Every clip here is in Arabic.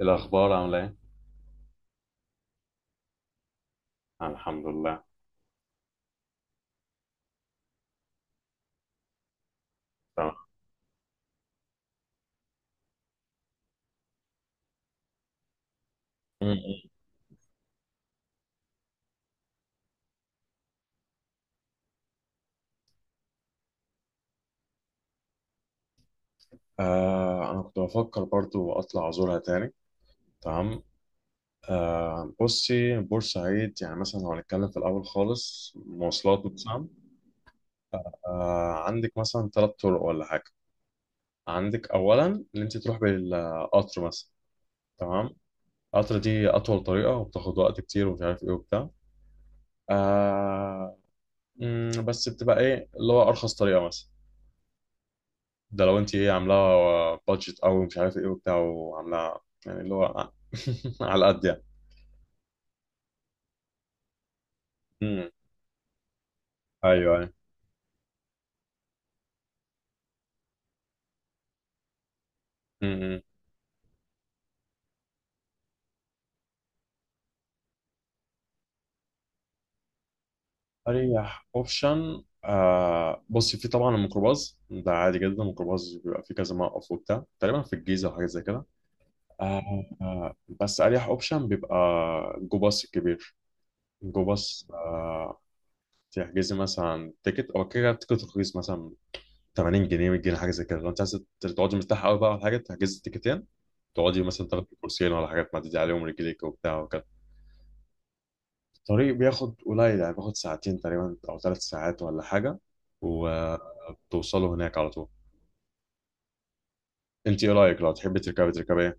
الأخبار عاملة إيه؟ أنا الحمد لله. تمام. م- م. آه، أنا كنت بفكر برضو أطلع أزورها تاني. تمام. آه بصي، بورسعيد يعني مثلا لو هنتكلم في الأول خالص مواصلات مثلا. آه، عندك مثلا ثلاث طرق ولا حاجة. عندك أولا إن أنت تروح بالقطر مثلا. تمام. القطر دي أطول طريقة وبتاخد وقت كتير ومش عارف إيه وبتاع. آه. بس بتبقى إيه اللي هو أرخص طريقة مثلا؟ ده لو انت ايه عاملاها بادجت او مش عارف ايه وبتاع، وعاملاها يعني اللي هو على قد يعني. امم. ايوه ايوه. امم. اريح اوبشن، آه بصي، في طبعا الميكروباص ده عادي جدا، الميكروباص بيبقى فيه كذا موقف وبتاع تقريبا في الجيزه وحاجات زي كده. آه. آه، بس اريح اوبشن بيبقى جو باص الكبير. جو باص آه. تحجزي مثلا تيكت او كده، التيكت رخيص مثلا 80 جنيه 100 جنيه حاجه زي كده. لو انت عايز تقعدي مرتاحه قوي بقى على حاجه، تحجزي التيكتين تقعدي مثلا تاخدي كورسين ولا حاجات معدي عليهم رجليك وبتاع وكده. الطريق بياخد قليل، يعني بياخد ساعتين تقريبا او ثلاث ساعات ولا حاجه، وبتوصلوا هناك على طول. انت ايه رايك لو تحبي تركبي ايه.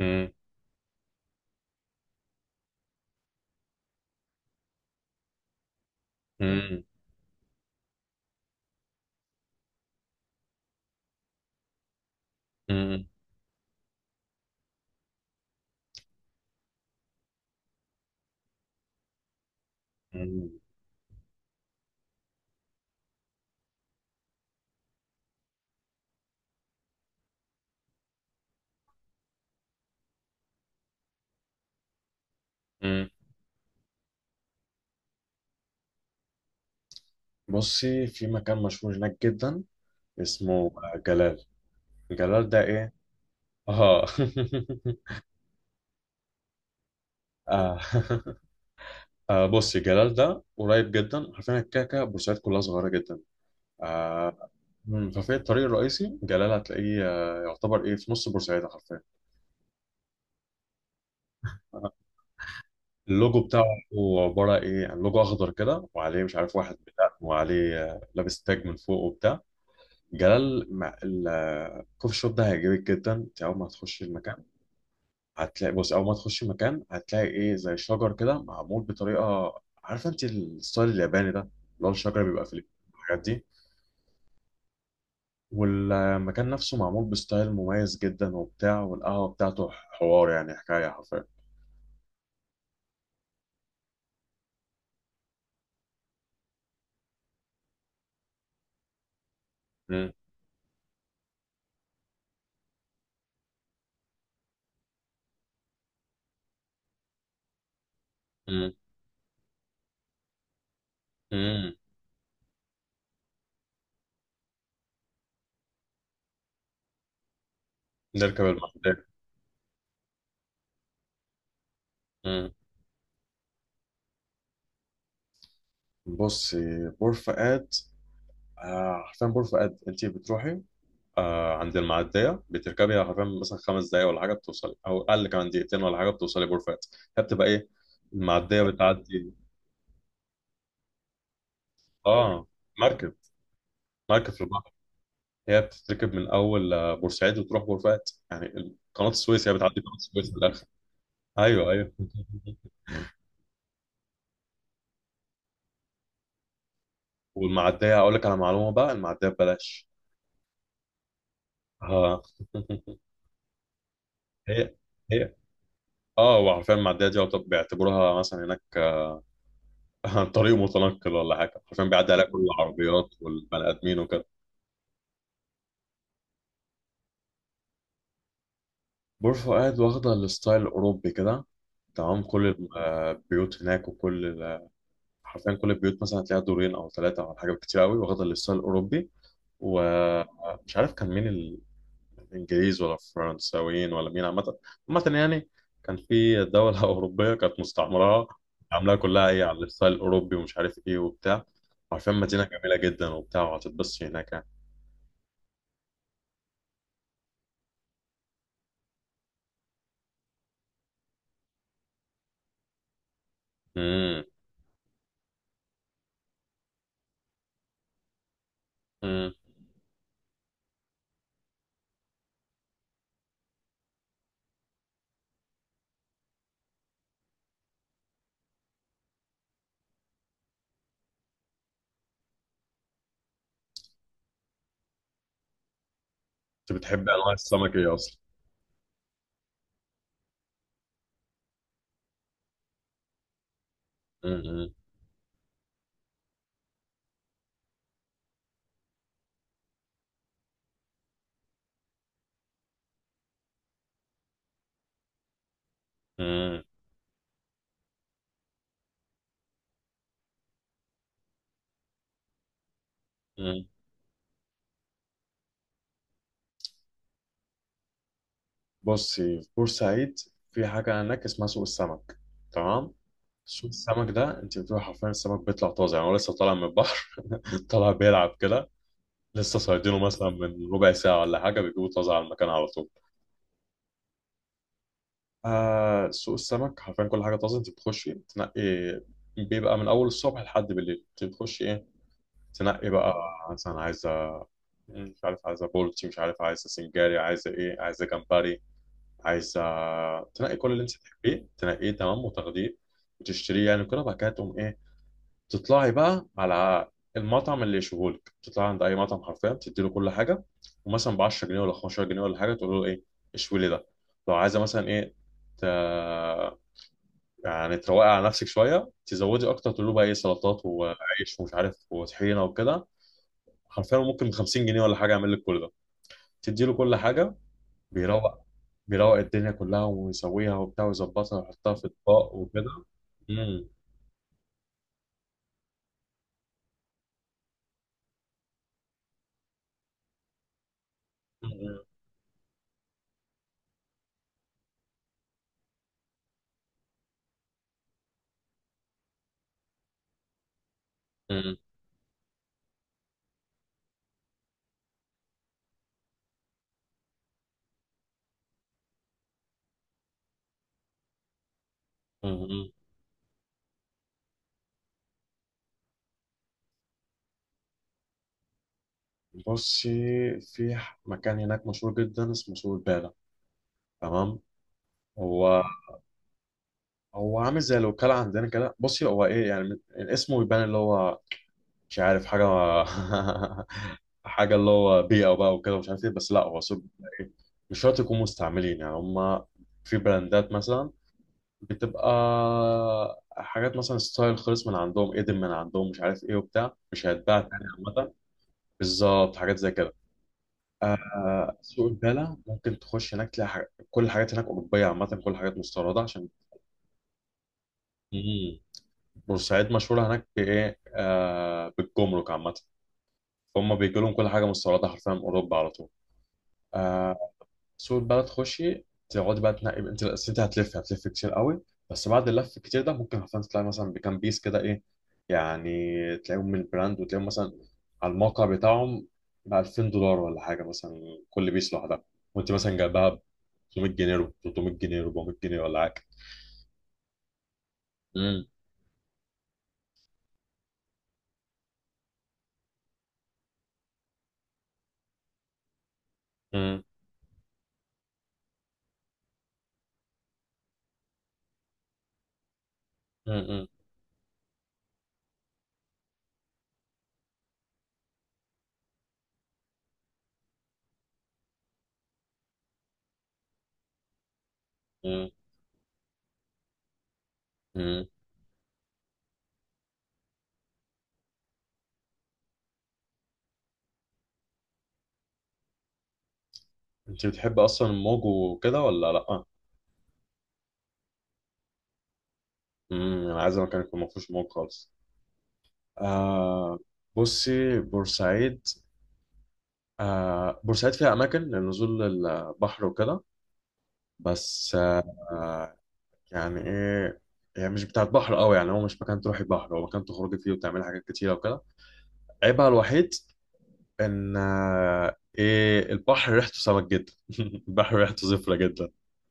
مم، مم، مم، مم، مم. بصي، في مكان مشهور هناك جدا اسمه جلال. جلال ده ايه؟ اه. آه. آه بصي، جلال ده قريب جدا، عارفين الكعكة؟ بورسعيد كلها صغيرة جدا. آه. مم. ففي الطريق الرئيسي جلال هتلاقيه، يعتبر ايه في نص بورسعيدة حرفيا. اللوجو بتاعه هو عبارة ايه، يعني لوجو اخضر كده وعليه مش عارف واحد بتاع وعليه لابس تاج من فوق وبتاع. جلال مع الكوفي شوب ده هيعجبك جدا. انت اول ما هتخش المكان هتلاقي، بص اول ما تخش المكان هتلاقي ايه زي شجر كده معمول بطريقة. عارفة انت الستايل الياباني ده؟ اللي هو الشجر بيبقى في الحاجات دي. والمكان نفسه معمول بستايل مميز جدا وبتاع، والقهوة بتاعته حوار يعني حكاية حرفيا. مم. مم. مم. نركب المحمودية. مم. بصي بور فؤاد، حرفيا بور فؤاد انت بتروحي عند المعدية، بتركبي حرفيا مثلا خمس دقايق ولا حاجة بتوصلي، أو أقل كمان دقيقتين ولا حاجة بتوصلي بور فؤاد. هي بتبقى إيه؟ المعدية بتعدي. آه، مركب، مركب في البحر. هي بتتركب من أول بورسعيد وتروح بور فؤاد. يعني قناة السويس هي بتعدي قناة السويس في الآخر. أيوه أيوه. والمعدية أقول لك على معلومة بقى، المعدية ببلاش. آه. هي هي اه، هو حرفيا معديه دي بيعتبروها مثلا هناك، طريق متنقل ولا حاجه، حرفيا بيعدي عليها كل العربيات والبني ادمين وكده. بور فؤاد واخده الستايل الاوروبي كده. تمام، كل البيوت هناك وكل حرفيا كل البيوت مثلا هتلاقيها دورين او ثلاثه او حاجه كتير قوي واخده الستايل الاوروبي. ومش عارف كان مين، انجليز ولا فرنساويين ولا مين، عامه. عامه يعني كان في دوله اوروبيه كانت مستعمره عاملاها كلها ايه على الستايل الاوروبي ومش عارف ايه وبتاع. عارفين مدينه جميله جدا وبتاع، وهتتبسط هناك يعني. امم. امم. انت بتحب انواع السمك ايه اصلا؟ امم. امم. امم. بصي في بورسعيد، في حاجه هناك اسمها سوق السمك. تمام. سوق السمك ده انت بتروح حرفيا السمك بيطلع طازه، يعني هو لسه طالع من البحر. طالع بيلعب كده. لسه صيادينه مثلا من ربع ساعة ولا حاجة بيجيبوا طازة على المكان على طول. آه، سوق السمك حرفيا كل حاجة طازة. انت بتخشي تنقي، بيبقى من أول الصبح لحد بالليل. انت بتخشي ايه، تنقي بقى. مثلا عايزة، مش عارف عايزة بولتي، مش عارف عايزة سنجاري، عايزة ايه، عايزة جمبري، عايزة تنقي كل اللي انت تحبيه تنقيه. تمام، وتاخديه وتشتريه، يعني كده بعد كده تقوم ايه، تطلعي بقى على المطعم اللي يشوفولك. تطلعي عند اي مطعم حرفيا تديله كل حاجه، ومثلا ب 10 جنيه ولا 15 جنيه ولا حاجه تقول له ايه، اشوي لي ده. لو عايزه مثلا ايه، ت... يعني تروقي على نفسك شويه تزودي اكتر، تقول له بقى ايه سلطات وعيش ومش عارف وطحينه وكده. حرفيا ممكن ب 50 جنيه ولا حاجه يعمل لك كل ده. تدي له كل حاجه، بيروق، بيروق الدنيا كلها ويسويها وبتاع ويظبطها ويحطها في اطباق وكده. مم. مم. مم. مم. بصي، في مكان هناك مشهور جدا اسمه سوق البالة. تمام. هو هو عامل زي الوكالة عندنا كده. بصي، هو ايه يعني، اسمه يبان اللي هو مش عارف حاجة، حاجة اللي هو بيئة بقى وكده مش عارف ايه، بس لا هو سوق إيه، مش شرط يكونوا مستعملين. يعني هما في براندات مثلا بتبقى حاجات مثلا ستايل خالص من عندهم، ايدن من عندهم مش عارف ايه وبتاع مش هيتباع تاني عامة. بالظبط حاجات زي كده. آه، سوق البلا ممكن تخش هناك تلاقي حاجة. كل الحاجات هناك أوروبية عامة، كل الحاجات مستوردة عشان. مم. بورسعيد مشهورة هناك بإيه، آه بالجمرك عامة. فهم بيجي لهم كل حاجة مستوردة حرفيا من أوروبا على طول. آه، سوق البلا تخشي تقعدي بقى تنقي. أنت أصل أنت هتلف، هتلف كتير قوي. بس بعد اللف الكتير ده ممكن حرفيا تلاقي مثلا بكام بيس كده إيه، يعني تلاقيهم من البراند، وتلاقيهم مثلا على الموقع بتاعهم ب 2000 دولار ولا حاجة مثلا كل بيس لوحدها، وأنت مثلا جايبها 500 جنيه 300 جنيه 400 جنيه ولا حاجه. امم. امم. امم. امم. امم. انت بتحب اصلا الموج وكده ولا لا؟ امم. انا عايز مكان يكون ما فيهوش موج خالص. آه، بصي بورسعيد، آه بورسعيد فيها اماكن لنزول البحر وكده، بس آه يعني ايه، يعني مش بتاعت بحر قوي، يعني هو مش مكان تروحي بحر، هو مكان تخرجي فيه وتعملي حاجات كتيره وكده. عيبها الوحيد ان آه، ايه البحر ريحته سمك جدا. البحر ريحته زفره جدا.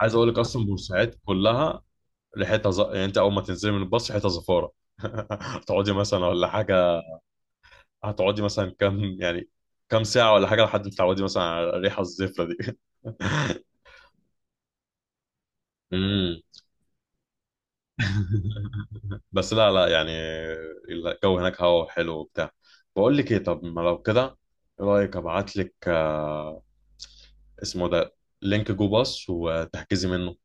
عايز اقول لك اصلا بورسعيد كلها ريحتها يعني انت اول ما تنزلي من الباص ريحتها زفاره. هتقعدي مثلا ولا حاجه، هتقعدي مثلا كام يعني كام ساعه ولا حاجه لحد ما تتعودي مثلا على الريحه الزفره دي. امم. بس لا لا يعني، الجو هناك هوا حلو وبتاع. بقول لك ايه، طب ما لو كده، ايه رايك ابعت لك اسمه ده لينك جو باص وتحجزي منه.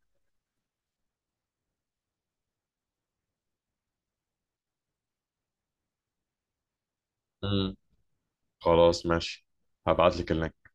مم. خلاص ماشي، هبعت لك اللينك.